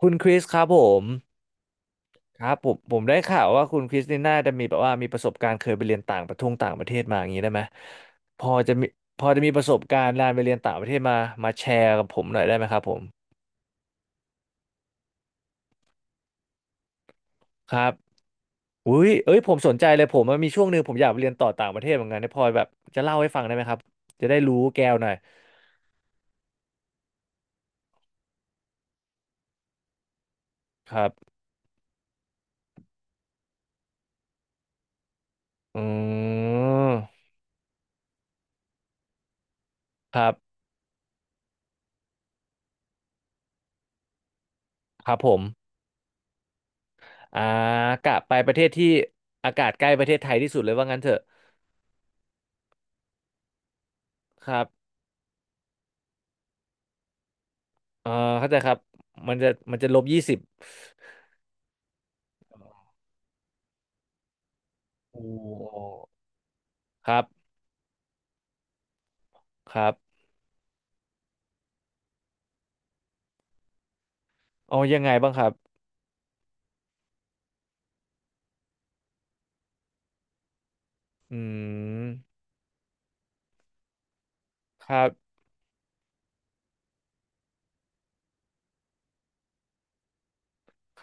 คุณคริสครับผมครับผมได้ข่าวว่าคุณคริสนี่น่าจะมีแบบว่ามีประสบการณ์เคยไปเรียนต่างประทงต่างประเทศมาอย่างนี้ได้ไหมพอจะมีพอจะมีประสบการณ์การไปเรียนต่างประเทศมาแชร์กับผมหน่อยได้ไหมครับผมครับอุ้ยเอ้ยผมสนใจเลยผมมันมีช่วงหนึ่งผมอยากไปเรียนต่อต่างประเทศเหมือนกันเนี่ยพอแบบจะเล่าให้ฟังได้ไหมครับจะได้รู้แก้วหน่อยครับอืมครับครับผมอ่ากะไปประเทศที่อากาศใกล้ประเทศไทยที่สุดเลยว่างั้นเถอะครับ เออเข้าใจครับมันจะ-20โอ้ครับครับเอายังไงบ้างครับอืมครับ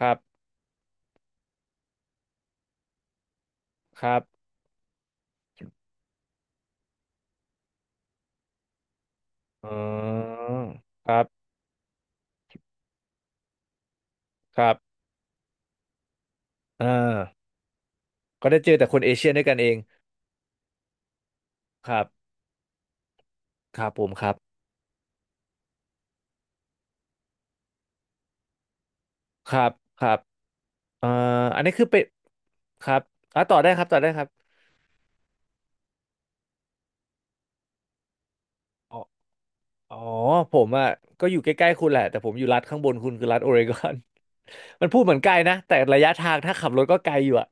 ครับครับอ๋อครับครับเออก็ได้เจอแต่คนเอเชียนด้วยกันเองครับครับผมครับครับครับเอ่ออันนี้คือเป็นครับอ่ะต่อได้ครับต่อได้ครับ อ๋อผมอ่ะก็อยู่ใกล้ๆคุณแหละแต่ผมอยู่รัฐข้างบนคุณคือรัฐโอเรกอน มันพูดเหมือนไกลนะแต่ระยะทางถ้าขับรถก็ไกลอยู่อ่ะ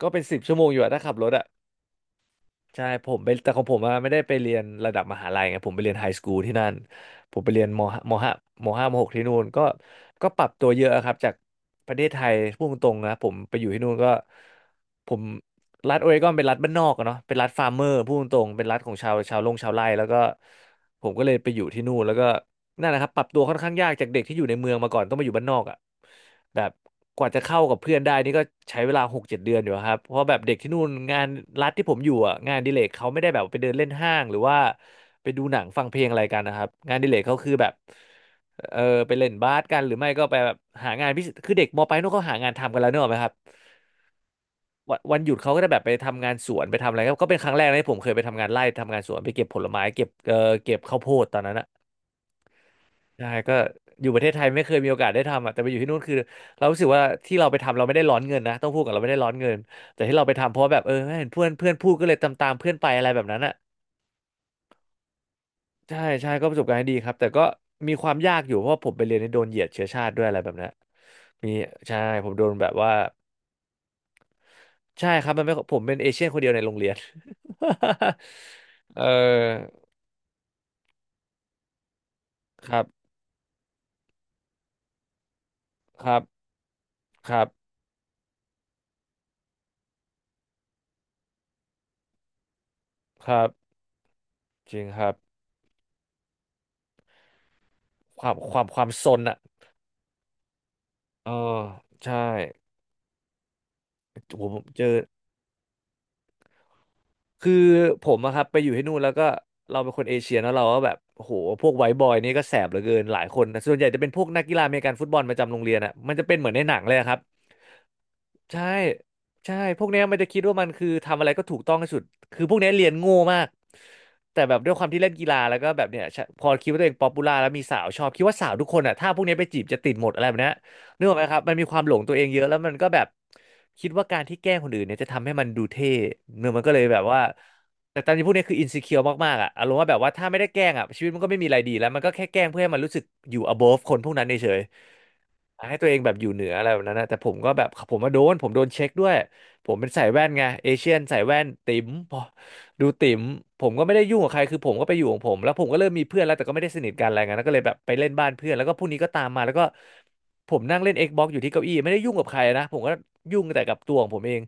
ก็เป็น10 ชั่วโมงอยู่อ่ะถ้าขับรถอ่ะใช่ผมไปแต่ของผมอะไม่ได้ไปเรียนระดับมหาลัยไงผมไปเรียนไฮสคูลที่นั่นผมไปเรียนมห้ามหกที่นู่นก็ก็ปรับตัวเยอะครับจากประเทศไทยพูดตรงๆนะผมไปอยู่ที่นู่นก็ผมรัฐโอเรกอนเป็นรัฐบ้านนอกอะเนาะเป็นรัฐฟาร์มเมอร์พูดตรงๆเป็นรัฐของชาวไร่แล้วก็ผมก็เลยไปอยู่ที่นู่นแล้วก็ นั่นแหละครับปรับตัวค่อนข้างยากจากเด็กที่อยู่ในเมืองมาก่อนต้องมาอยู่บ้านนอกอ่ะแบบกว่าจะเข้ากับเพื่อนได้นี่ก็ใช้เวลา6-7 เดือนอยู่ครับเพราะแบบเด็กที่นู่นงานรัฐที่ผมอยู่อ่ะงานอดิเลกเขาไม่ได้แบบไปเดินเล่นห้างหรือว่าไปดูหนังฟังเพลงอะไรกันนะครับงานอดิเลกเขาคือแบบเออไปเล่นบาสกันหรือไม่ก็ไปแบบหางานพิเศษคือเด็กมปลายนู่นเขาหางานทำกันแล้วเนกอะไหมครับวันหยุดเขาก็จะแบบไปทำงานสวนไปทำอะไรก็ก็เป็นครั้งแรกนะที่ผมเคยไปทำงานไร่ทำงานสวนไปเก็บผลไม้เก็บเก็บข้าวโพดตอนนั้นอะ ใช่ก็อยู่ประเทศไทยไม่เคยมีโอกาสได้ทำอ่ะแต่ไปอยู่ที่นู่นคือเรารู้สึกว่าที่เราไปทำเราไม่ได้ร้อนเงินนะต้องพูดกับเราไม่ได้ร้อนเงินแต่ที่เราไปทำเพราะว่าแบบเออเห็นเพื่อนเพื่อนพูดก็เลยตามเพื่อนไปอะไรแบบนั้นอ่ะใช่ใช่ก็ประสบการณ์ที่ดีครับแต่ก็มีความยากอยู่เพราะว่าผมไปเรียนในโดนเหยียดเชื้อชาติด้วยอะไรแบบนั้นมีใช่ผมโดนแบบว่าใช่ครับมันไม่ผมเป็นเอเชียนคนเดียวในโรงเรียน เออครับครับครับครับจริงครับความความซนอ่ะเออใช่ โหผมเจอ คือผมอะครับไปอยู่ที่นู่นแล้วก็เราเป็นคนเอเชียเนอะเราก็แบบโอ้โหพวกไวท์บอยนี่ก็แสบเหลือเกินหลายคนนะส่วนใหญ่จะเป็นพวกนักกีฬาอเมริกันฟุตบอลประจำโรงเรียนอะมันจะเป็นเหมือนในหนังเลยอะครับ ใช่ใช่พวกเนี้ยมันจะคิดว่ามันคือทำอะไรก็ถูกต้องที่สุดคือพวกเนี้ยเรียนโง่มากแต่แบบด้วยความที่เล่นกีฬาแล้วก็แบบเนี้ยชะพอคิดว่าตัวเองป๊อปปูล่าแล้วมีสาวชอบคิดว่าสาวทุกคนอ่ะถ้าพวกเนี้ยไปจีบจะติดหมดอะไรแบบเนี้ยนึกออกไหมครับมันมีความหลงตัวเองเยอะแล้วมันก็แบบคิดว่าการที่แกล้งคนอื่นเนี่ยจะทำให้มันดูเท่เนื้อมันก็เลยแบบว่า แต่ตามที่พูดเนี่ยคืออิน e ิเคียวมากๆอะอารมณ์ว่าแบบว่าถ้าไม่ได้แกล้งอะชีวิตมันก็ไม่มีอะไรดีแล้วมันก็แค่แกล้งเพื่อให้มันรู้สึกอยู่ above คนพวกนั้นเฉยๆให้ตัวเองแบบอยู่เหนืออะไรแบบนั้นนะแต่ผมก็แบบผมมาโดนผมโดนเช็คด้วยผมเป็นสายแว่นไงเอเชียนสายแว่นติ๋มพอดูติ๋มผมก็ไม่ได้ยุ่งกับใครคือผมก็ไปอยู่ของผมแล้วผมก็เริ่มมีเพื่อนแล้วแต่ก็ไม่ได้สนิทกันอะไรเงี้ยแล้วก็เลยแบบไปเล่นบ้านเพื่อนแล้วก็พวกนี้ก็ตามมาแล้วก็ผมนั่งเล่น Xbox อยู่ที่เก้าอี้ไม่ได้ยุ่งกับใครนะผมก็ยุ่งแต่กับตัวของผมเอง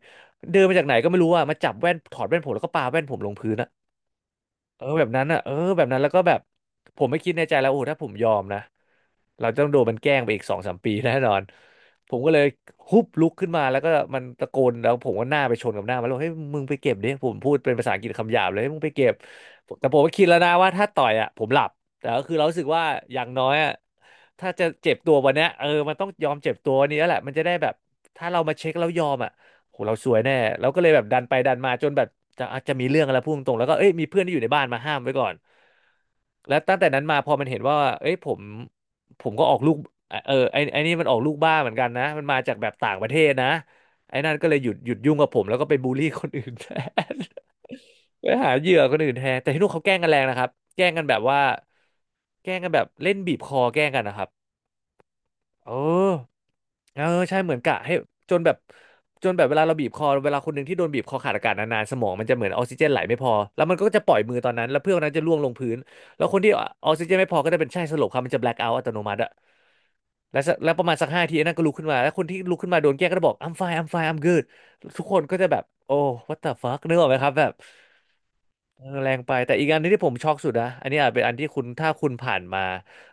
เดินมาจากไหนก็ไม่รู้อะมาจับแว่นถอดแว่นผมแล้วก็ปาแว่นผมลงพื้นอะเออแบบนั้นอะเออแบบนั้นแล้วก็แบบผมไม่คิดในใจแล้วโอ้โหถ้าผมยอมนะ เราจะต้องโดนมันแกล้งไปอีกสองสามปีแน่นอนผมก็เลยฮุบลุกขึ้นมาแล้วก็มันตะโกนแล้วผมก็หน้าไปชนกับหน้ามันแล้วเฮ้ยมึงไปเก็บดิผมพูดเป็นภาษาอังกฤษคำหยาบเลยเฮ้ยมึงไปเก็บแต่ผมก็คิดแล้วนะว่าถ้าต่อยอ่ะผมหลับแต่ก็คือเรารู้สึกว่าอย่างน้อยอ่ะถ้าจะเจ็บตัววันเนี้ยเออมันต้องยอมเจ็บตัววันนี้แล้วแหละมันจะได้แบบถ้าเรามาเช็คแล้วยอมอ่ะโหเราสวยแน่เราก็เลยแบบดันไปดันมาจนแบบจะอาจจะมีเรื่องอะไรพุ่งตรงๆแล้วก็เอ้ยมีเพื่อนที่อยู่ในบ้านมาห้ามไว้ก่อนแล้วตั้งแต่นั้นมาพอมันเห็นว่าเอ้ยผมก็ออกลูกเออไอ้นี่มันออกลูกบ้าเหมือนกันนะมันมาจากแบบต่างประเทศนะไอ้นั่นก็เลยหยุดยุ่งกับผมแล้วก็ไปบูลลี่คนอื่น แทน ไปหาเหยื่อคนอื่นแทน แต่ที่นู่นเขาแกล้งกันแรงนะครับแกล้งกันแบบว่าแกล้งกันแบบเล่นบีบคอแกล้งกันนะครับ เออเออใช่เหมือนกะให้จนแบบจนแบบเวลาเราบีบคอเวลาคนหนึ่งที่โดนบีบคอขาดอากาศนานๆสมองมันจะเหมือนออกซิเจนไหลไม่พอแล้วมันก็จะปล่อยมือตอนนั้นแล้วเพื่อนคนนั้นจะร่วงลงพื้นแล้วคนที่ออกซิเจนไม่พอก็จะเป็นใช่สลบครับมันจะแบล็คเอาท์อัตโนมัติอะแล้วประมาณสักห้าทีไอ้นั่นก็ลุกขึ้นมาแล้วคนที่ลุกขึ้นมาโดนแกล้งก็จะบอก I'm fine I'm fine I'm good ทุกคนก็จะแบบโอ้ what the fuck นึกออกไหมครับแบบ เออแรงไปแต่อีกอันที่ผมช็อกสุดนะอันนี้อาจเป็นอันที่คุณถ้าคุณผ่านมา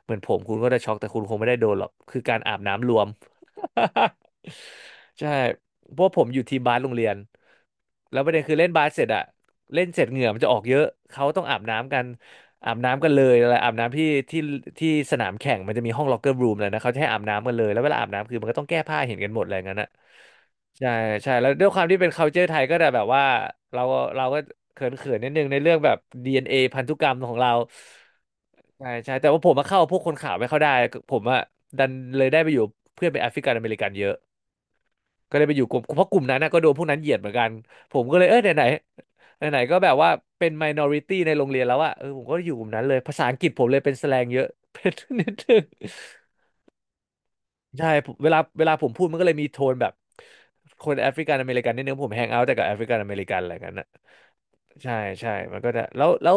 เหมือนผมคุณก็จะช็อกแต่คุณคงไม่ได้โดนหรอกคือการอาบน้ำรวม ใช่เพราะผมอยู่ทีมบาสโรงเรียนแล้วประเด็นคือเล่นบาสเสร็จอะเล่นเสร็จเหงื่อมันจะออกเยอะเขาต้องอาบน้ำกันอาบน้ำกันเลยอะไรอาบน้ำที่ที่สนามแข่งมันจะมีห้องล็อกเกอร์รูมเลยนะเขาจะให้อาบน้ำกันเลยแล้วเวลาอาบน้ำคือมันก็ต้องแก้ผ้าเห็นกันหมดอะไรอย่างนั้นอะใช่ใช่แล้วด้วยความที่เป็น culture ไทยก็จะแบบว่าเราเราก็ เขินนิดนึงในเรื่องแบบ DNA พันธุกรรมของเราใช่ใช่แต่ว่าผมมาเข้าพวกคนขาวไม่เข้าได้ผมอะดันเลยได้ไปอยู่เพื่อนเป็นแอฟริกันอเมริกันเยอะก็เลยไปอยู่กลุ่มเพราะกลุ่มนั้นนะก็โดนพวกนั้นเหยียดเหมือนกันผมก็เลยเออไหนไหนๆก็แบบว่าเป็น minority ในโรงเรียนแล้วอะเออผมก็อยู่กลุ่มนั้นเลยภาษาอังกฤษผมเลยเป็นแสแลงเยอะ เป็นนิดนึงใช่ผมเวลาผมพูดมันก็เลยมีโทนแบบคนแอฟริกันอเมริกันนิดนึงผมแฮงเอาท์แต่กับแอฟริกันอเมริกันอะไรกันนะ ใช่ใช่มันก็จะแล้วแล้ว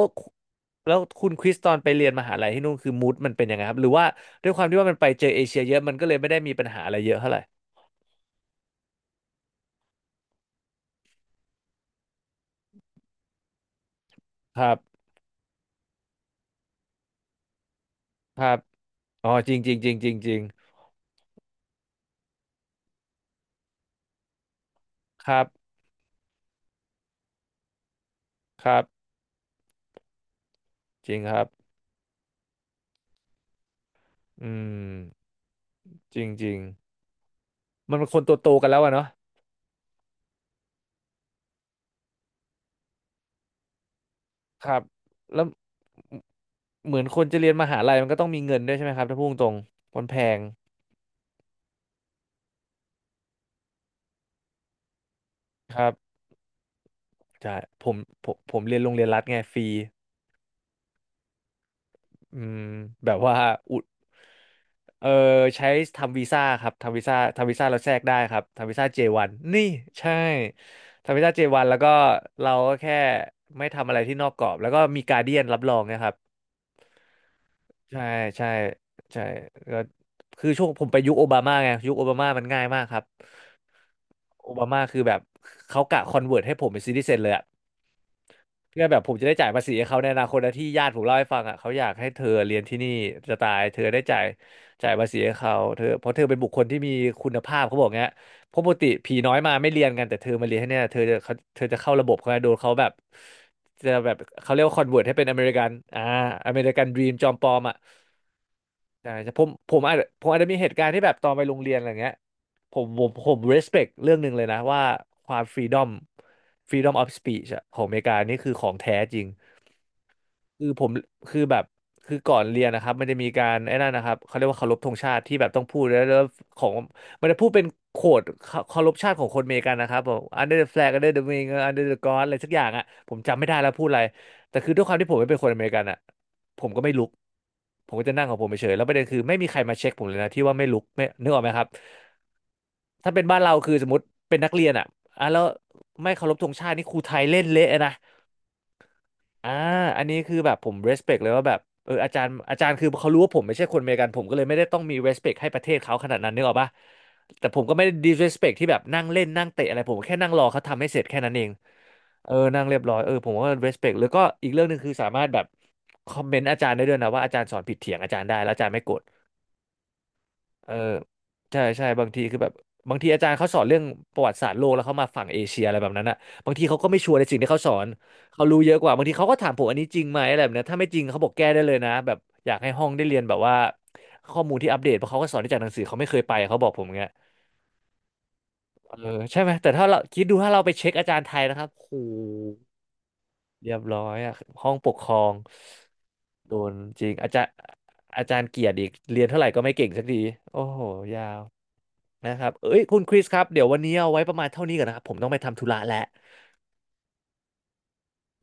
แล้วคุณคริสตอนไปเรียนมหาลัยที่นู่นคือมูดมันเป็นยังไงครับหรือว่าด้วยความที่ว่ามันไปเจอเอเชียเยอะมันก็เลยไม่ได้มีปัญหาอะไรเยอะเท่าไหร่ครับครับอ๋อจริงจริงจริงจริงจริงครับครับจริงครับอืมจริงจริงมันเป็นคนตัวโตกันแล้วอะเนาะครับแล้วเหมือนคนจะเรียนมหาลัยมันก็ต้องมีเงินด้วยใช่ไหมครับถ้าพูดตรงๆมันแพงครับใช่ผมผมเรียนโรงเรียนรัฐไงฟรีอืมแบบว่าอุด เออใช้ทำวีซ่าครับทำวีซ่าทำวีซ่าเราแทรกได้ครับทำวีซ่า J1 นนี่ใช่ทำวีซ่า J1 แล้วก็เราก็แค่ไม่ทำอะไรที่นอกกรอบแล้วก็มีการเดียนรับรองนะครับใช่ใช่ใช่ก็คือช่วงผมไปยุคโอบามาไงยุคโอบามามันง่ายมากครับโอบามาคือแบบเขากะคอนเวิร์ตให้ผมเป็นซิติเซนเลยอะ เพื่อแบบผมจะได้จ่ายภาษีให้เขาในอนาคตนะที่ญาติผมเล่าให้ฟังอ่ะเขาอยากให้เธอเรียนที่นี่จะตายเธอได้จ่ายภาษีให้เขาเธอเพราะเธอเป็นบุคคลที่มีคุณภาพเขาบอกเงี้ยเพราะปกติผีน้อยมาไม่เรียนกันแต่เธอมาเรียนให้เนี่ยเธอจะเขาเธอจะเข้าระบบเขาโดนเขาแบบจะแบบเขาเรียกว่าคอนเวิร์ตให้เป็นอเมริกันอเมริกันดรีมจอมปลอมอ่ะใช่ใช่ผมอาจจะมีเหตุการณ์ที่แบบตอนไปโรงเรียนอะไรเงี้ย ผม respect เรื่องหนึ่งเลยนะว่าความ freedom freedom of speech อะของอเมริกานี่คือของแท้จริงคือผมคือแบบคือก่อนเรียนนะครับมันจะมีการไอ้นั่นนะครับเขาเรียกว่าเคารพธงชาติที่แบบต้องพูดแล้วของมันจะพูดเป็นโคดเคารพชาติของคนอเมริกันนะครับบอก under the flag under the wing under the god อะไรสักอย่างอะผมจำไม่ได้แล้วพูดอะไรแต่คือด้วยความที่ผมไม่เป็นคนอเมริกันอะผมก็ไม่ลุก ผมก็จะนั่งของผมเฉยๆแล้วประเด็นคือไม่มีใครมาเช็คผมเลยนะที่ว่าไม่ลุกไม่นึกออกไหมครับถ้าเป็นบ้านเราคือสมมติเป็นนักเรียนอ่ะอ่ะแล้วไม่เคารพธงชาตินี่ครูไทยเล่นเละนะ อ่าอันนี้คือแบบผม respect เลยว่าแบบเอออาจารย์คือเขารู้ว่าผมไม่ใช่คนอเมริกันผมก็เลยไม่ได้ต้องมี respect ให้ประเทศเขาขนาดนั้นนึกออกปะแต่ผมก็ไม่ได้ disrespect ที่แบบนั่งเล่นนั่งเตะอะไรผมแค่นั่งรอเขาทำให้เสร็จแค่นั้นเองเออนั่งเรียบร้อยเออผมก็ respect แล้วก็อีกเรื่องหนึ่งคือสามารถแบบคอมเมนต์อาจารย์ได้ด้วยนะว่าอาจารย์สอนผิดเถียงอาจารย์ได้แล้วอาจารย์ไม่โกรธ เออใช่ใช่บางทีคือแบบบางทีอาจารย์เขาสอนเรื่องประวัติศาสตร์โลกแล้วเขามาฝั่งเอเชียอะไรแบบนั้นอะบางทีเขาก็ไม่ชัวร์ในสิ่งที่เขาสอนเขารู้เยอะกว่าบางทีเขาก็ถามผมอันนี้จริงไหมอะไรแบบเนี้ยถ้าไม่จริงเขาบอกแก้ได้เลยนะแบบอยากให้ห้องได้เรียนแบบว่าข้อมูลที่อัปเดตเพราะเขาก็สอนที่จากหนังสือเขาไม่เคยไปเขาบอกผมอย่างเงี้ยเออใช่ไหมแต่ถ้าเราคิดดูถ้าเราไปเช็คอาจารย์ไทยนะครับโหเรียบร้อยอะห้องปกครองโดนจริงอาจารย์อาจารย์เกียรติอีกเรียนเท่าไหร่ก็ไม่เก่งสักทีโอ้โหยาว นะครับเอ้ยคุณคริสครับ เดี๋ยววันนี้เอาไว้ประมาณเท่านี้ก่อนนะครับ ผมต้องไปทำธุระแล้ว